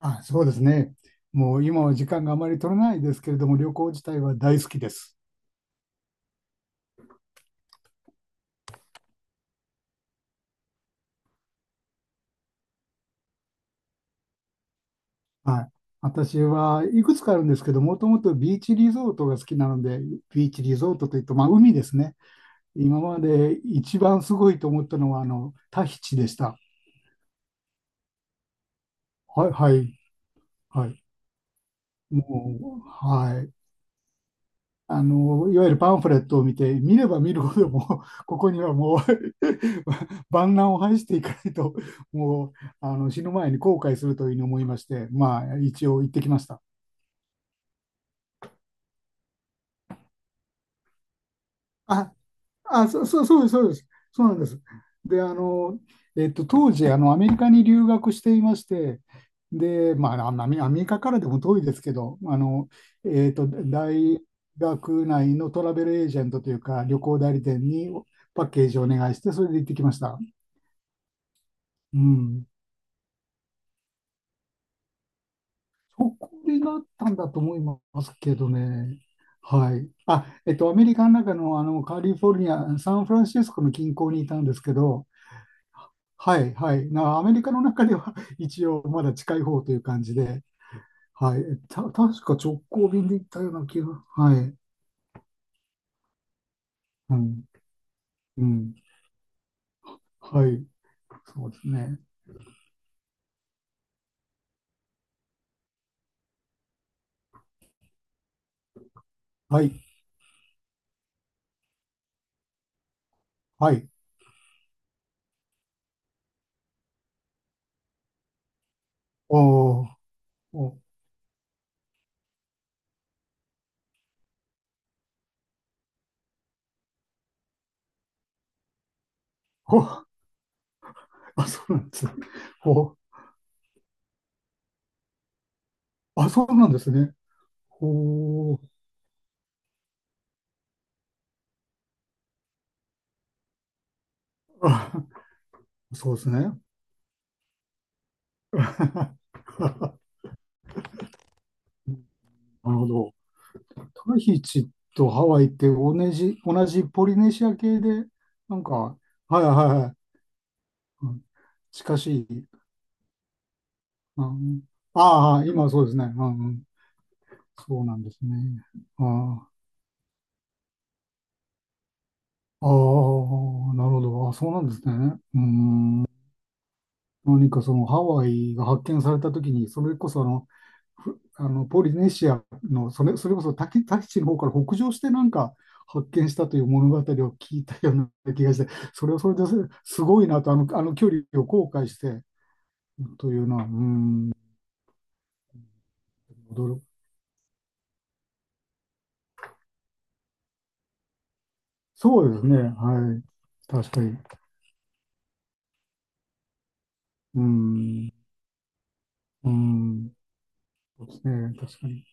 あ、そうですね。もう今は時間があまり取れないですけれども、旅行自体は大好きです。はい。私はいくつかあるんですけど、もともとビーチリゾートが好きなので、ビーチリゾートというと、まあ海ですね。今まで一番すごいと思ったのは、タヒチでした。はい、はい、はい。もう、はい。いわゆるパンフレットを見て、見れば見るほどもう、ここにはもう 万難を排していかないと、もう、あの、死ぬ前に後悔するというふうに思いまして、まあ、一応行ってきました。あ、あ、そ、そそうです、そうです。そうなんです。で、当時、アメリカに留学していまして、で、まあ、アメリカからでも遠いですけど、大学内のトラベルエージェントというか、旅行代理店にパッケージをお願いして、それで行ってきました。うん。そこでなったんだと思いますけどね。はい。アメリカの中の、カリフォルニア、サンフランシスコの近郊にいたんですけど、はい、はい。アメリカの中では 一応まだ近い方という感じで、はい。確か直行便で行ったような気が、はい。うん、うん。はい。そうですね。はい、はい。おー、お、ほ、あ、そうなんですね。ほ、あ、そうなんですね。ほー、あ、そうですね。なるほど。タヒチとハワイって同じポリネシア系で、なんか、はいはいはい。うん、近しい。ああー、今そうですね。うんうん、そうなんですね。ああ、ああ、なるほど。あ、そうなんですね。うーん、何かそのハワイが発見されたときに、それこそあの、ふあのポリネシアのそれこそタヒチの方から北上してなんか発見したという物語を聞いたような気がして、それはそれですごいなと、あの距離を後悔してというのは、うーん、驚く。そうですね。はい。確かに。うん、うん、そうですね、確かに。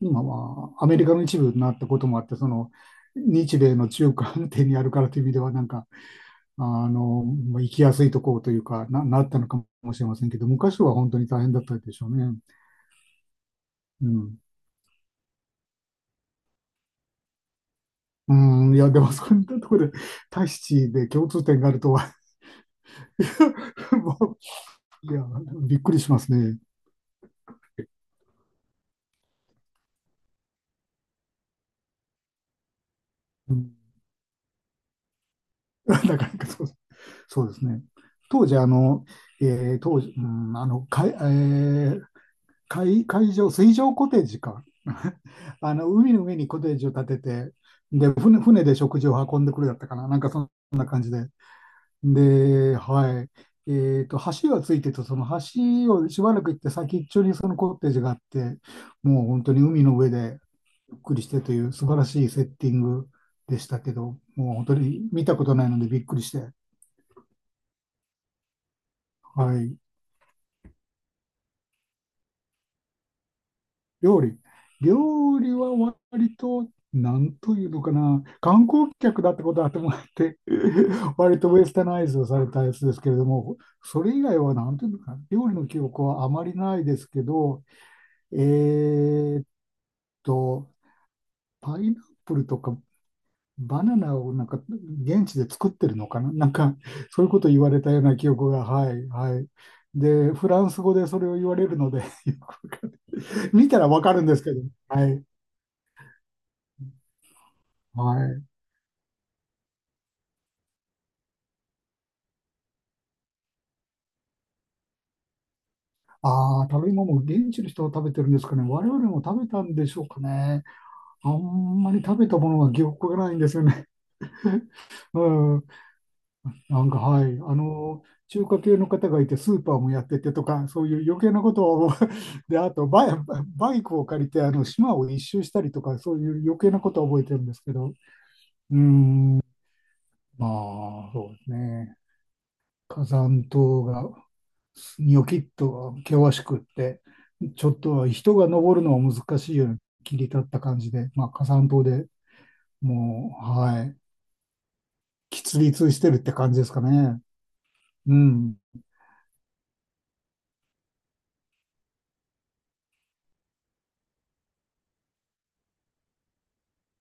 今はアメリカの一部になったこともあって、その日米の中間点にあるからという意味では、なんか、まあ行きやすいところというかな、なったのかもしれませんけど、昔は本当に大変だったでしょうね。うん。うん、いや、でもそういったところで、タヒチで共通点があるとは、もう、いや、びっくりしますね。うん、なかなかそうですね。当時、あの、えー当時、うん、あの、かい、えー海、海上、水上コテージか。海の上にコテージを建てて、で、船で食事を運んでくるだったかな。なんかそんな感じで。で、はい。えっと、橋がついてて、その橋をしばらく行って先っちょにそのコテージがあって、もう本当に海の上でゆっくりしてという素晴らしいセッティングでしたけど、もう本当に見たことないのでびっくりして。はい。料理。料理は割と、なんというのかな、観光客だってことは頭あって、割とウェスタナイズをされたやつですけれども、それ以外はなんというのかな、料理の記憶はあまりないですけど、えーっと、パイナップルとかバナナをなんか現地で作ってるのかな、なんかそういうこと言われたような記憶が、はい、はい。で、フランス語でそれを言われるので よくわかんない見たらわかるんですけど、はい、はい。ああ、食べ物、現地の人が食べてるんですかね。我々も食べたんでしょうかね。あんまり食べたものは記憶がないんですよね。うん。なんか、はい。中華系の方がいて、スーパーもやっててとか、そういう余計なことを で、あとバイ、バイクを借りて、島を一周したりとか、そういう余計なことは覚えてるんですけど。うん。まあ、そうですね。火山島がニョキッと険しくって、ちょっと人が登るのは難しいような切り立った感じで、まあ、火山島でもう、はい、喫立してるって感じですかね。うん。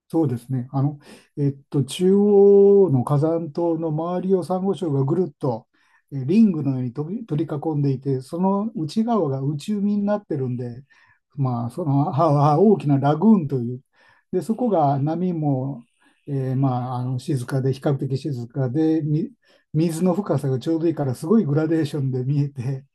そうですね。中央の火山島の周りをサンゴ礁がぐるっとリングのように取り囲んでいて、その内側が内海になってるんで、まあ、その大きなラグーンという、で、そこが波も、静かで、比較的静かで、水の深さがちょうどいいから、すごいグラデーションで見えて、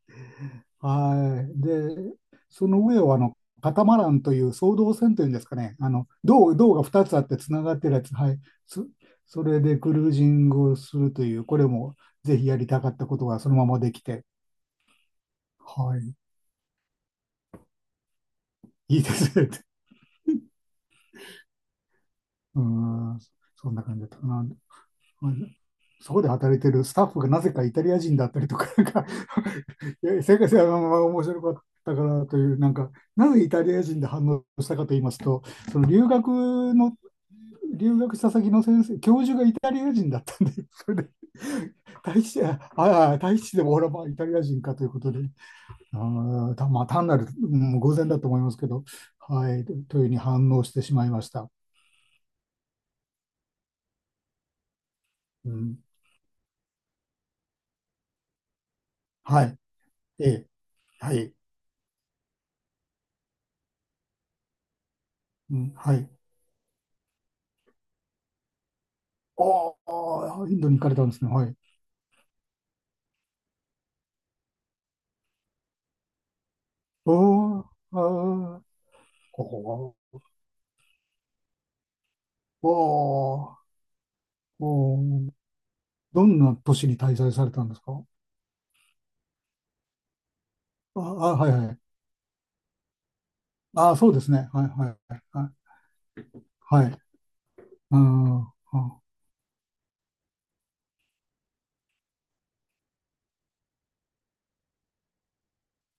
はい。で、その上をカタマランという双胴船というんですかね、胴が2つあってつながってるやつ、はい、そ、それでクルージングをするという、これもぜひやりたかったことがそのままできて、はい、いいですね。うーん、そんな感じだったかな。うんそこで働いてるスタッフがなぜかイタリア人だったりとか、なんか いや、世界が面白かったからという、なんか、なぜイタリア人で反応したかと言いますと、その留学した先の先生、教授がイタリア人だったんで、それで、大使でも俺はまあイタリア人かということで、ああ、たまあ単なる、うん、偶然だと思いますけど、はい、というふうに反応してしまいました。うん、はい、ええ、はい、うん、はい。おお、インドに行かれたんですね。はい。おーあーおー、おーおー、どんな都市に滞在されたんですかああ、はいはい。ああ、そうですね。はいはいはい。はいああ、あ、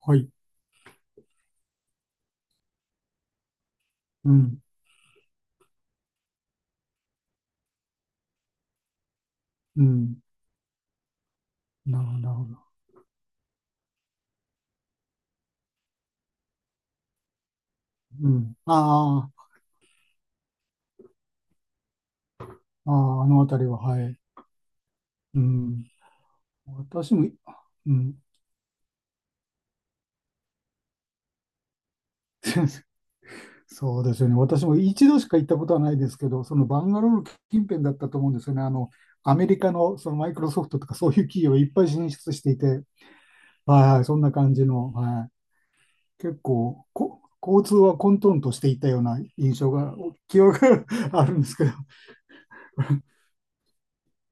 はい。うん、うん。なるほど、なるほど。うん。ああ、ああ、あのあたりは、はい。うん。私も、うん。そうですよね。私も一度しか行ったことはないですけど、そのバンガロール近辺だったと思うんですよね。アメリカのそのマイクロソフトとかそういう企業いっぱい進出していて、はいはい、そんな感じの、はい。結構、交通は混沌としていたような印象が、記憶が あるんですけど、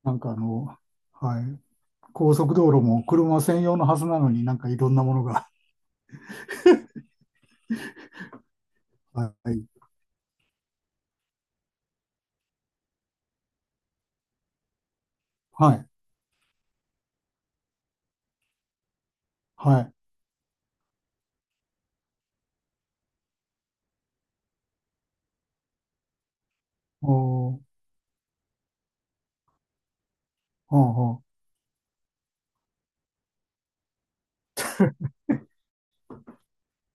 なんかあの、はい。高速道路も車専用のはずなのになんかいろんなものが。はい。はい。はい。おー、ほうほ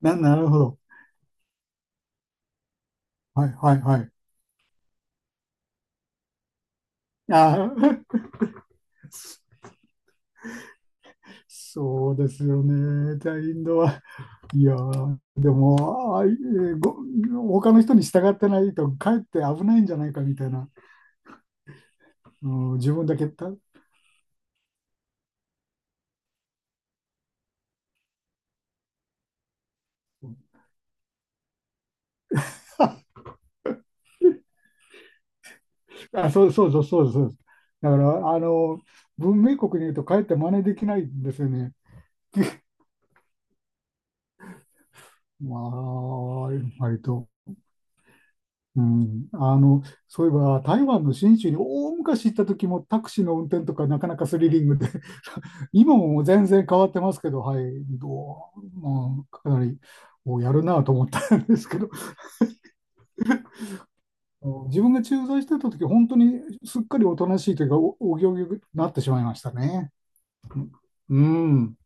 う。なるほど。はい、はい、はい。あー そうですよね。じゃあ、インドは。いやー、でも、あー、えーご、他の人に従ってないと、かえって危ないんじゃないかみたいな。うん、自分だけた。あ、そうですそうです。だから、文明国に言うと、かえって真似できないんですよね。まあ、割と。うん、そういえば台湾の新州に大昔行った時もタクシーの運転とかなかなかスリリングで、今も全然変わってますけど、はい、どまあ、かなりおやるなと思ったんですけど、自分が駐在してた時、本当にすっかりおとなしいというか、お行儀になってしまいましたね。うん。